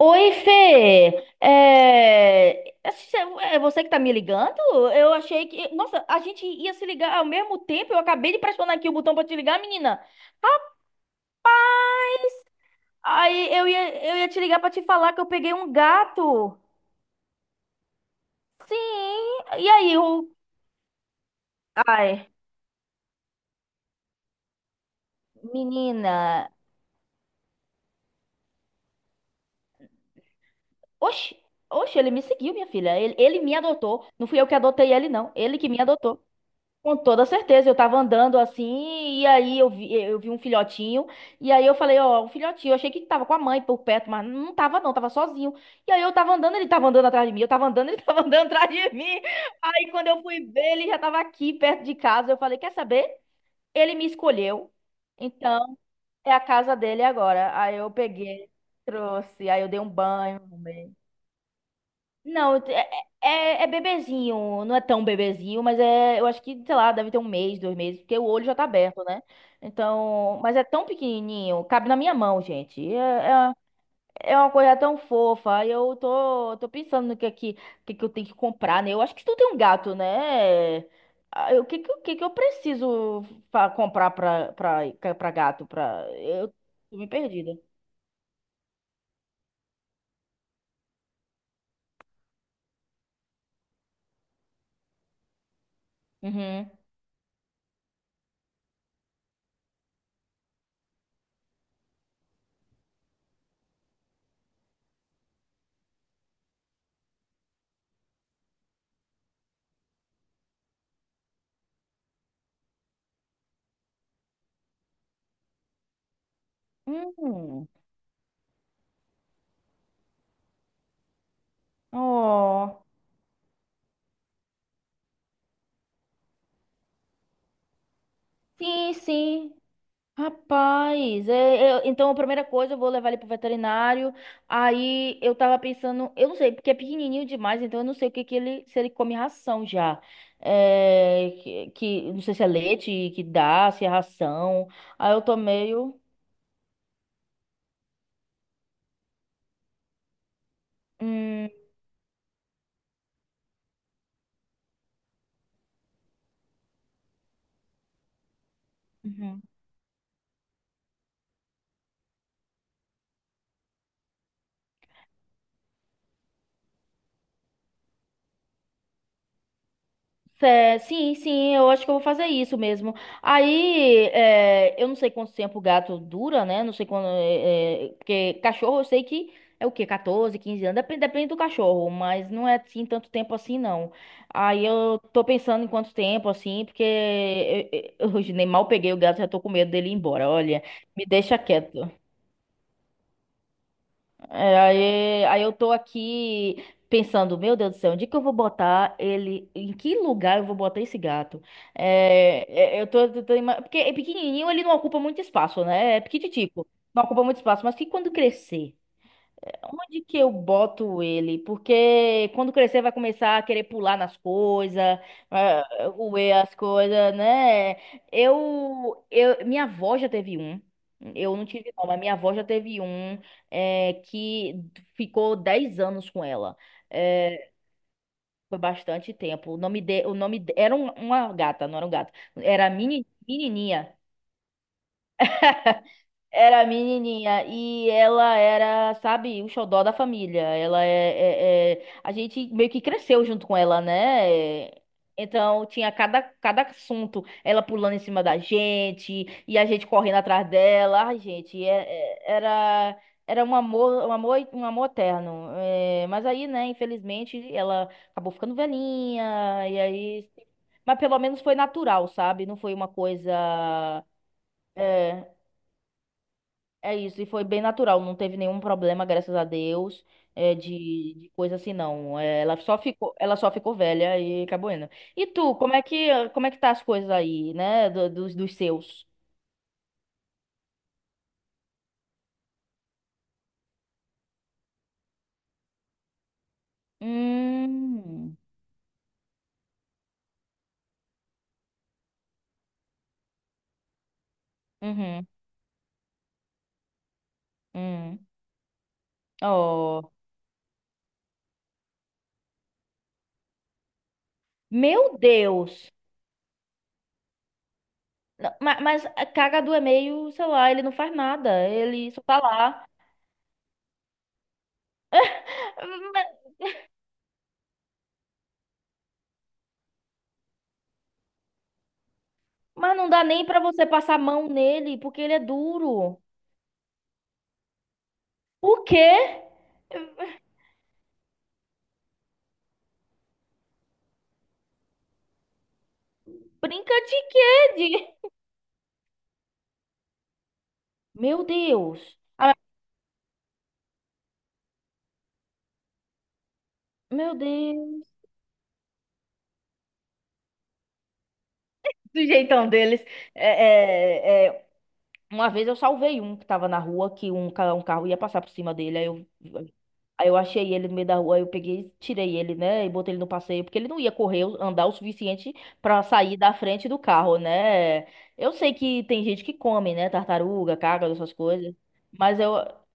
Oi, Fê! É... essa- É você que tá me ligando? Eu achei que. Nossa, a gente ia se ligar ao mesmo tempo. Eu acabei de pressionar aqui o botão pra te ligar, menina. Rapaz! Aí eu ia te ligar pra te falar que eu peguei um gato. Sim! E aí, o. Ai, menina. Oxi, oxi, ele me seguiu, minha filha. Ele me adotou. Não fui eu que adotei ele, não. Ele que me adotou. Com toda certeza, eu tava andando assim, e aí eu vi um filhotinho, e aí eu falei, ó, um filhotinho, eu achei que tava com a mãe por perto, mas não tava não, tava sozinho. E aí eu tava andando, ele tava andando atrás de mim, eu tava andando, ele tava andando atrás de mim. Aí quando eu fui ver, ele já tava aqui perto de casa, eu falei, quer saber? Ele me escolheu, então é a casa dele agora. Aí eu peguei, trouxe, aí eu dei um banho, não, é bebezinho, não é tão bebezinho, mas é, eu acho que, sei lá, deve ter um mês, 2 meses, porque o olho já tá aberto, né? Então, mas é tão pequenininho, cabe na minha mão, gente. É uma coisa tão fofa. E eu tô pensando no que é que eu tenho que comprar, né? Eu acho que tu tem um gato, né? Ah, o que que eu preciso comprar pra gato? Eu tô me perdida. Uhum. Hum. Oh. Sim, sim. Rapaz, então a primeira coisa eu vou levar ele pro veterinário. Aí eu tava pensando, eu não sei, porque é pequenininho demais, então eu não sei o que que ele, se ele come ração já. Não sei se é leite que dá, se é ração. Aí eu tô meio. hum, uhum. É, sim, sim, eu acho que eu vou fazer isso mesmo. Aí, eu não sei quanto tempo o gato dura, né? Não sei quando. Porque cachorro eu sei que é o quê? 14, 15 anos. Depende, depende do cachorro, mas não é assim tanto tempo assim, não. Aí eu tô pensando em quanto tempo, assim, porque eu hoje nem mal peguei o gato, já tô com medo dele ir embora. Olha, me deixa quieto. É, aí eu tô aqui pensando, meu Deus do céu, onde que eu vou botar ele? Em que lugar eu vou botar esse gato? É, é, eu tô, tô- tô ima- Porque é pequenininho, ele não ocupa muito espaço, né? É pequititico, não ocupa muito espaço, mas que quando crescer? Onde que eu boto ele? Porque quando crescer vai começar a querer pular nas coisas, ah, roer as coisas, né? Minha avó já teve um. Eu não tive não, mas minha avó já teve um que ficou 10 anos com ela. É, foi bastante tempo. Era uma gata, não era um gato. Era menininha Era a menininha e ela era, sabe, o xodó da família. Ela é, é- é- A gente meio que cresceu junto com ela, né? Então tinha cada assunto, ela pulando em cima da gente e a gente correndo atrás dela. Ai, gente, era um amor, um amor, um amor eterno. É, mas aí, né, infelizmente, ela acabou ficando velhinha e aí. Mas pelo menos foi natural, sabe? Não foi uma coisa. é, É isso, e foi bem natural, não teve nenhum problema, graças a Deus, é, de coisa assim, não. É, ela só ficou velha e acabou indo. E tu, como é que tá as coisas aí, né, dos seus? Hum, uhum, hum. Oh, meu Deus! Não, mas, a cagadu é meio, sei lá, ele não faz nada, ele só tá lá. Ma- Mas não dá nem pra você passar a mão nele, porque ele é duro. O quê? Brinca de quê? Meu Deus. Ah, meu Deus. Do jeitão deles. É, é, é, Uma vez eu salvei um que tava na rua, que um carro ia passar por cima dele. Aí eu achei ele no meio da rua, aí eu peguei, tirei ele, né, e botei ele no passeio, porque ele não ia correr, andar o suficiente pra sair da frente do carro, né? Eu sei que tem gente que come, né, tartaruga, caga, essas coisas, mas eu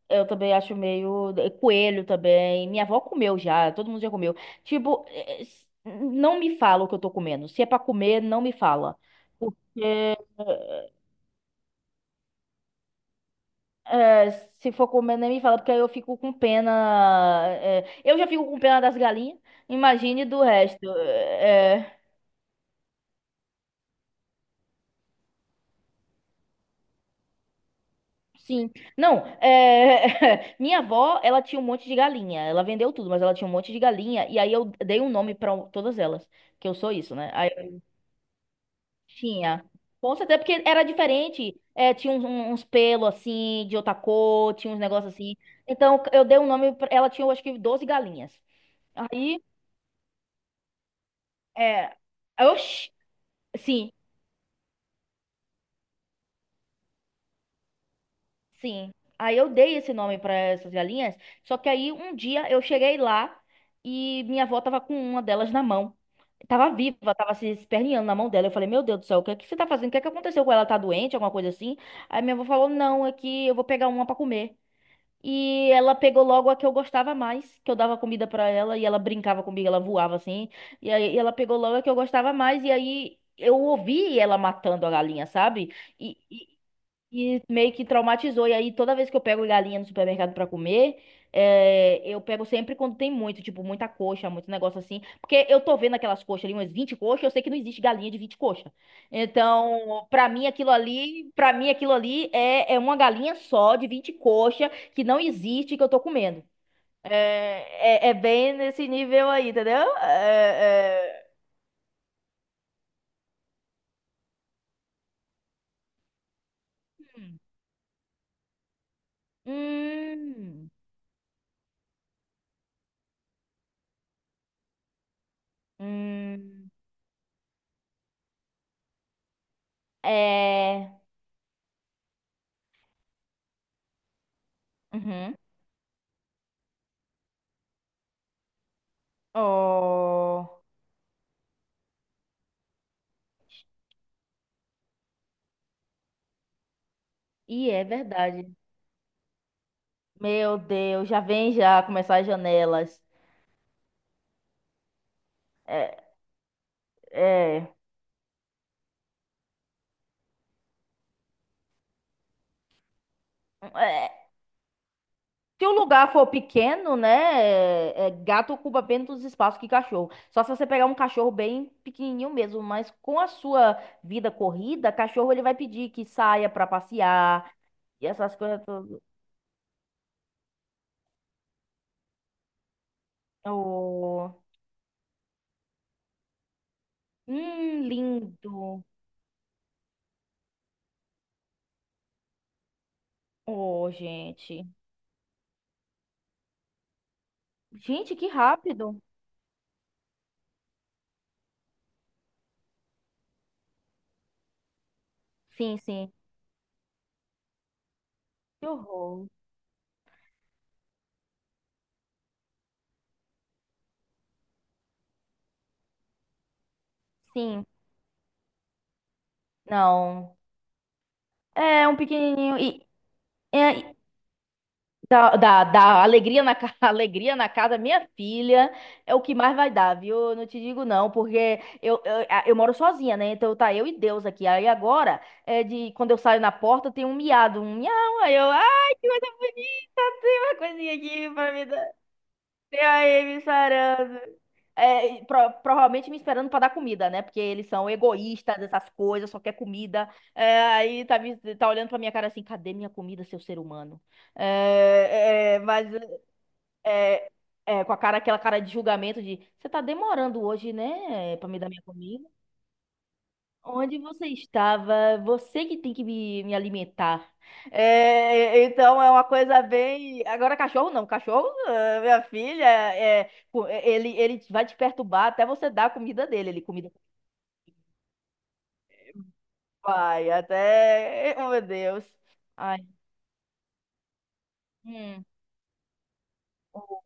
eu também acho meio coelho também. Minha avó comeu já, todo mundo já comeu. Tipo, não me fala o que eu tô comendo. Se é pra comer, não me fala. Porque eh, É, se for comer, nem me fala, porque aí eu fico com pena. Eu já fico com pena das galinhas, imagine do resto. É, sim. Não, minha avó, ela tinha um monte de galinha. Ela vendeu tudo, mas ela tinha um monte de galinha. E aí eu dei um nome pra todas elas, que eu sou isso, né? Aí eu tinha. Com certeza, porque era diferente. É, tinha uns pelos assim, de outra cor, tinha uns negócios assim. Então eu dei um nome. Ela tinha, eu acho que, 12 galinhas. Aí, é. Oxi! Sim, sim. Aí eu dei esse nome para essas galinhas, só que aí um dia eu cheguei lá e minha avó tava com uma delas na mão. Tava viva, tava se esperneando na mão dela. Eu falei, meu Deus do céu, o que é que você tá fazendo? O que é que aconteceu com ela? Tá doente, alguma coisa assim? Aí minha avó falou, não, é que eu vou pegar uma para comer. E ela pegou logo a que eu gostava mais, que eu dava comida para ela e ela brincava comigo, ela voava assim. E aí ela pegou logo a que eu gostava mais e aí eu ouvi ela matando a galinha, sabe? E meio que traumatizou. E aí, toda vez que eu pego galinha no supermercado pra comer, eu pego sempre quando tem muito, tipo, muita coxa, muito negócio assim. Porque eu tô vendo aquelas coxas ali, umas 20 coxas, eu sei que não existe galinha de 20 coxas. Então, pra mim, aquilo ali, pra mim, aquilo ali é, é uma galinha só de 20 coxas que não existe que eu tô comendo. É, é bem nesse nível aí, entendeu? Hum, hum, é. Uhum. Oh, e é verdade. Meu Deus, já vem já começar as janelas. É, é, é. Se o lugar for pequeno, né? Gato ocupa menos espaço que cachorro. Só se você pegar um cachorro bem pequenininho mesmo, mas com a sua vida corrida, cachorro ele vai pedir que saia pra passear e essas coisas todas. Oh, lindo. Oh, gente. Gente, que rápido. Sim, sim. Que horror. Sim. Não. É um pequenininho e é, dá alegria alegria na casa minha filha é o que mais vai dar, viu? Eu não te digo não, porque eu moro sozinha, né? Então tá eu e Deus aqui. Aí agora é de quando eu saio na porta tem um miado, um miau. Ai, que coisa bonita, tem uma coisinha aqui pra me dar. Tem aí me sarando. É, e provavelmente me esperando pra dar comida, né? Porque eles são egoístas, essas coisas, só quer comida. É, aí tá, tá olhando pra minha cara assim, cadê minha comida, seu ser humano? É, é, mas é, com a cara, aquela cara de julgamento de, você tá demorando hoje, né? Pra me dar minha comida. Onde você estava? Você que tem que me alimentar. É, então é uma coisa bem. Agora, cachorro não. Cachorro, ah, minha filha, ele vai te perturbar até você dar a comida dele. Ele comida. Vai, até. Oh, meu Deus. Ai. Hum. Oh,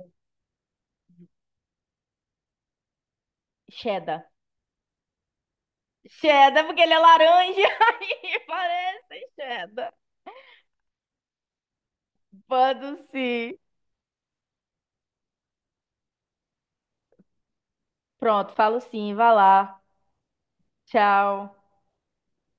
cheddar. Cheddar, porque ele é laranja e parece cheddar. Mando sim. Pronto, falo sim. Vá lá. Tchau.